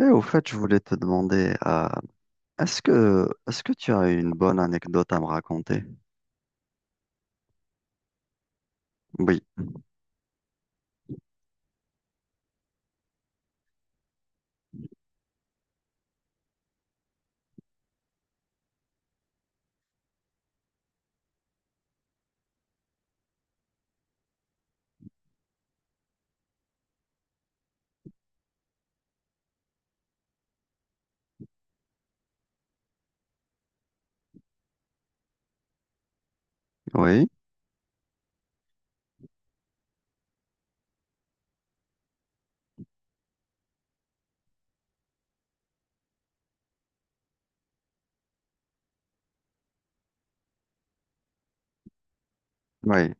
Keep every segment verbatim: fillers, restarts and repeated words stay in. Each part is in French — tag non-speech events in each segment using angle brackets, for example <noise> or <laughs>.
Et au fait, je voulais te demander, euh, est-ce que, est-ce que tu as une bonne anecdote à me raconter? Oui. Oui, oui,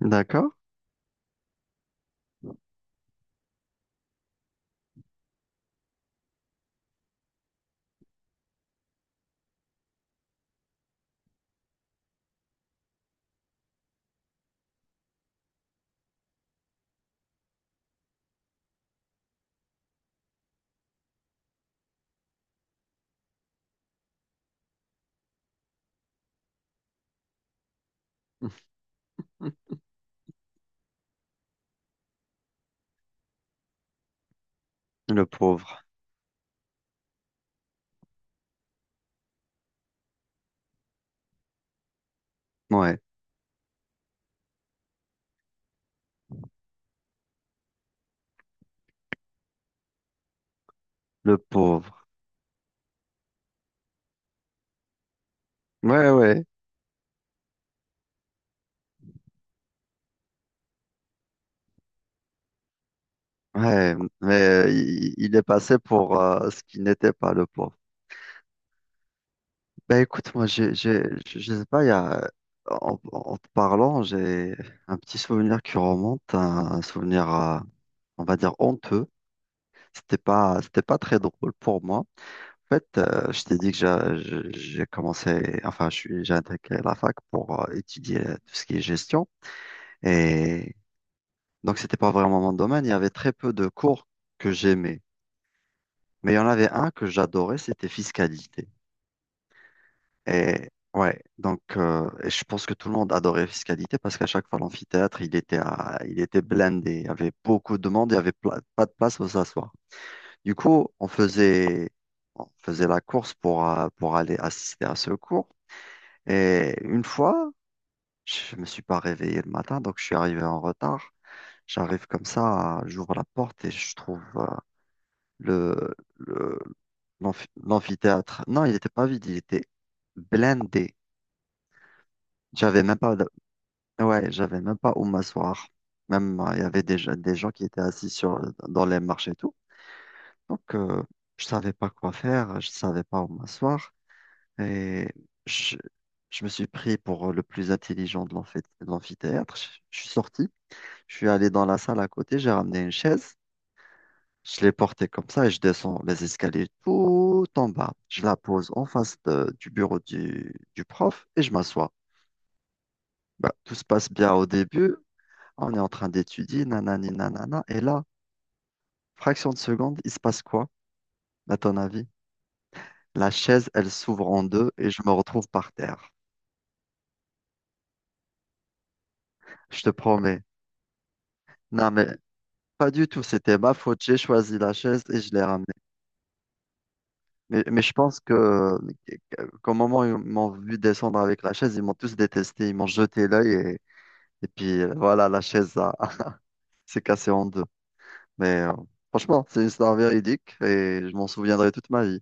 d'accord. <laughs> Le pauvre. Ouais. Le pauvre. Ouais, ouais. Ouais. Mais euh, il, il est passé pour euh, ce qui n'était pas le pauvre. Ben écoute, moi, j'ai, j'ai, je je sais pas, il y a, en, en te parlant, j'ai un petit souvenir qui remonte, un, un souvenir, euh, on va dire, honteux. C'était pas, c'était pas très drôle pour moi. En fait, euh, je t'ai dit que j'a- je- j'ai commencé, enfin, je suis, j'ai intégré la fac pour euh, étudier tout ce qui est gestion. Et donc, c'était pas vraiment mon domaine. Il y avait très peu de cours que j'aimais. Mais il y en avait un que j'adorais, c'était fiscalité. Et ouais, donc euh, et je pense que tout le monde adorait fiscalité parce qu'à chaque fois l'amphithéâtre, il était à- il était blindé, il y avait beaucoup de monde, il y avait pla- pas de place où s'asseoir. Du coup, on faisait on faisait la course pour euh, pour aller assister à ce cours. Et une fois, je me suis pas réveillé le matin, donc je suis arrivé en retard. J'arrive comme ça, j'ouvre la porte et je trouve euh, le le- l'amphi- l'amphithéâtre. Non, il n'était pas vide, il était blindé. J'avais même pas Ouais, j'avais même pas où m'asseoir. Même, euh, il y avait des, gens- des gens qui étaient assis sur, dans les marches et tout. Donc, euh, je savais pas quoi faire, je savais pas où m'asseoir. Et je, je me suis pris pour le plus intelligent de l'amphi- de l'amphithéâtre. Je, je suis sorti, je suis allé dans la salle à côté, j'ai ramené une chaise, je l'ai portée comme ça et je descends les escaliers tout en bas. Je la pose en face de- du bureau du, du prof et je m'assois. Bah, tout se passe bien au début. On est en train d'étudier, nanani, nanana. Et là, fraction de seconde, il se passe quoi, à ton avis? La chaise, elle s'ouvre en deux et je me retrouve par terre. Je te promets. Non, mais pas du tout. C'était ma faute. J'ai choisi la chaise et je l'ai ramenée. Mais, mais je pense que, qu'au moment où ils m'ont vu descendre avec la chaise, ils m'ont tous détesté. Ils m'ont jeté l'œil et, et puis euh, voilà, la chaise a- <laughs> s'est cassée en deux. Mais euh, franchement, c'est une histoire véridique et je m'en souviendrai toute ma vie.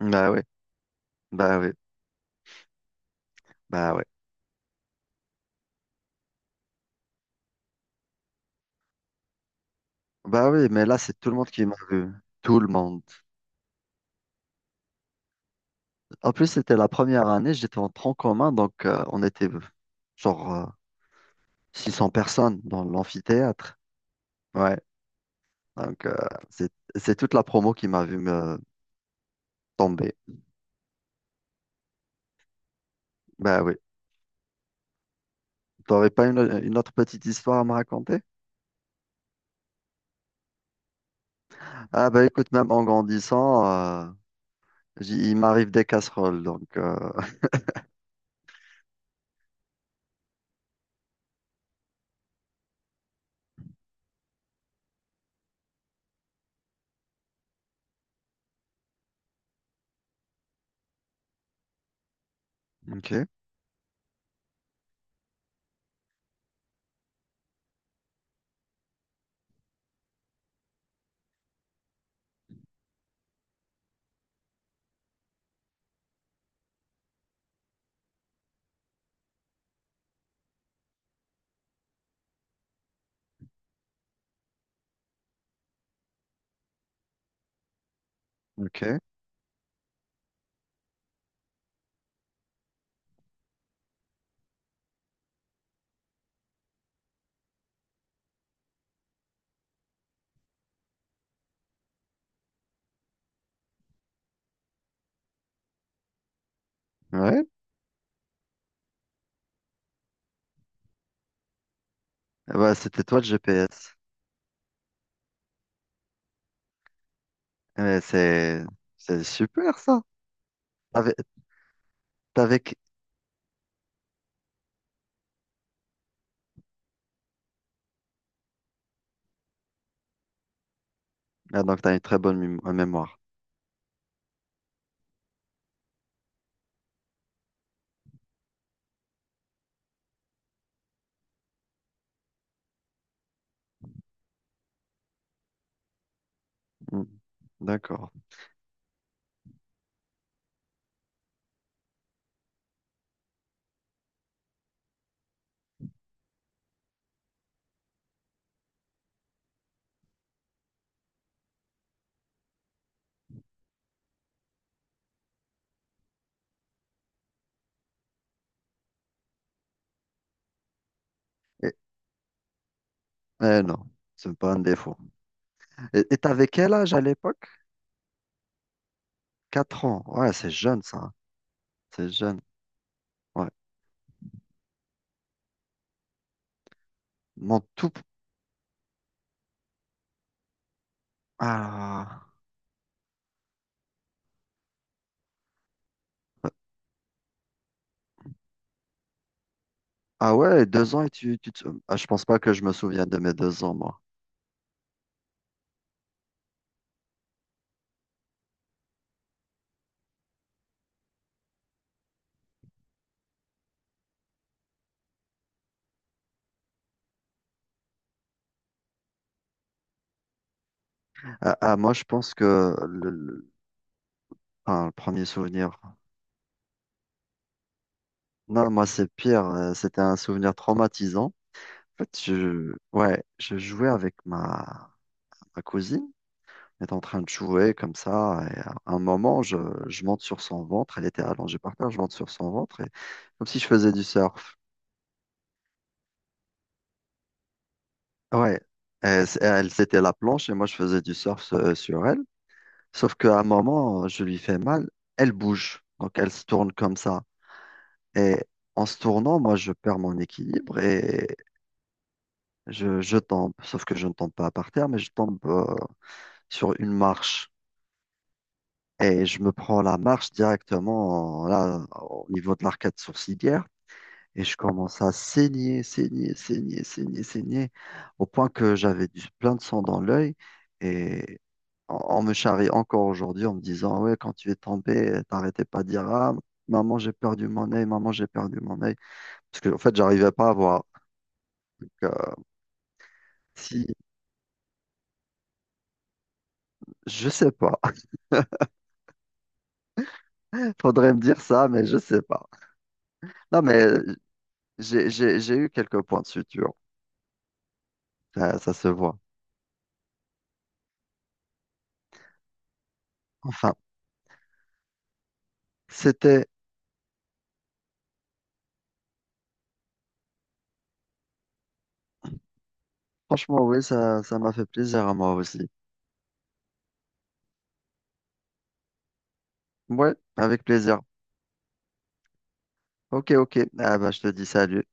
Bah oui, bah oui, bah oui. Bah oui, mais là, c'est tout le monde qui m'a vu. Tout le monde. En plus, c'était la première année, j'étais en tronc commun, donc euh, on était euh, genre euh, six cents personnes dans l'amphithéâtre. Ouais, donc euh, c'est c'est toute la promo qui m'a vu me tomber. Bah oui. T'aurais pas une, une autre petite histoire à me raconter? Ah bah écoute, même en grandissant, euh, j'y- il m'arrive des casseroles, donc... euh, ok, ok, ouais. Eh bah c'était toi le GPS. Mais c'est c'est super ça. T'avais, t'avais Ah, donc, tu as une très bonne mém- euh, mémoire. Hmm, d'accord. Et, eh non, c'est pas un défaut. Et tu avais quel âge à l'époque? Quatre ans. Ouais, c'est jeune, ça, hein. C'est jeune. Ouais. Mon tout. Ah, ah ouais, deux ans et tu, tu te- Ah, je pense pas que je me souviens de mes deux ans, moi. Ah, ah, moi, je pense que le, le- enfin, le premier souvenir. Non, moi, c'est pire. Euh, c'était un souvenir traumatisant. En fait, je, ouais, je jouais avec ma, ma cousine. Est en train de jouer comme ça. Et à un moment, je, je monte sur son ventre. Elle était allongée par terre. Je monte sur son ventre, et, comme si je faisais du surf. Ouais. Et c- elle, c'était la planche et moi, je faisais du surf euh, sur elle. Sauf qu'à un moment, je lui fais mal. Elle bouge. Donc, elle se tourne comme ça. Et en se tournant, moi, je perds mon équilibre et je, je tombe. Sauf que je ne tombe pas par terre, mais je tombe euh, sur une marche. Et je me prends la marche directement euh, là, au niveau de l'arcade sourcilière. Et je commence à saigner, saigner, saigner, saigner, saigner, au point que j'avais du plein de sang dans l'œil. Et on, on me charrie encore aujourd'hui en me disant, ouais, quand tu es tombé, t'arrêtais pas de dire, ah, maman, j'ai perdu mon œil, maman, j'ai perdu mon œil. Parce que, en fait, j'arrivais pas à voir. Donc, euh, si, je sais pas. <laughs> Faudrait me dire ça, mais je sais pas. Non, mais j'ai, j'ai, j'ai eu quelques points de suture. Ça, ça se voit. Enfin, c'était, franchement, oui, ça, ça m'a fait plaisir à moi aussi. Ouais, avec plaisir. Ok, ok. Ah bah, je te dis salut.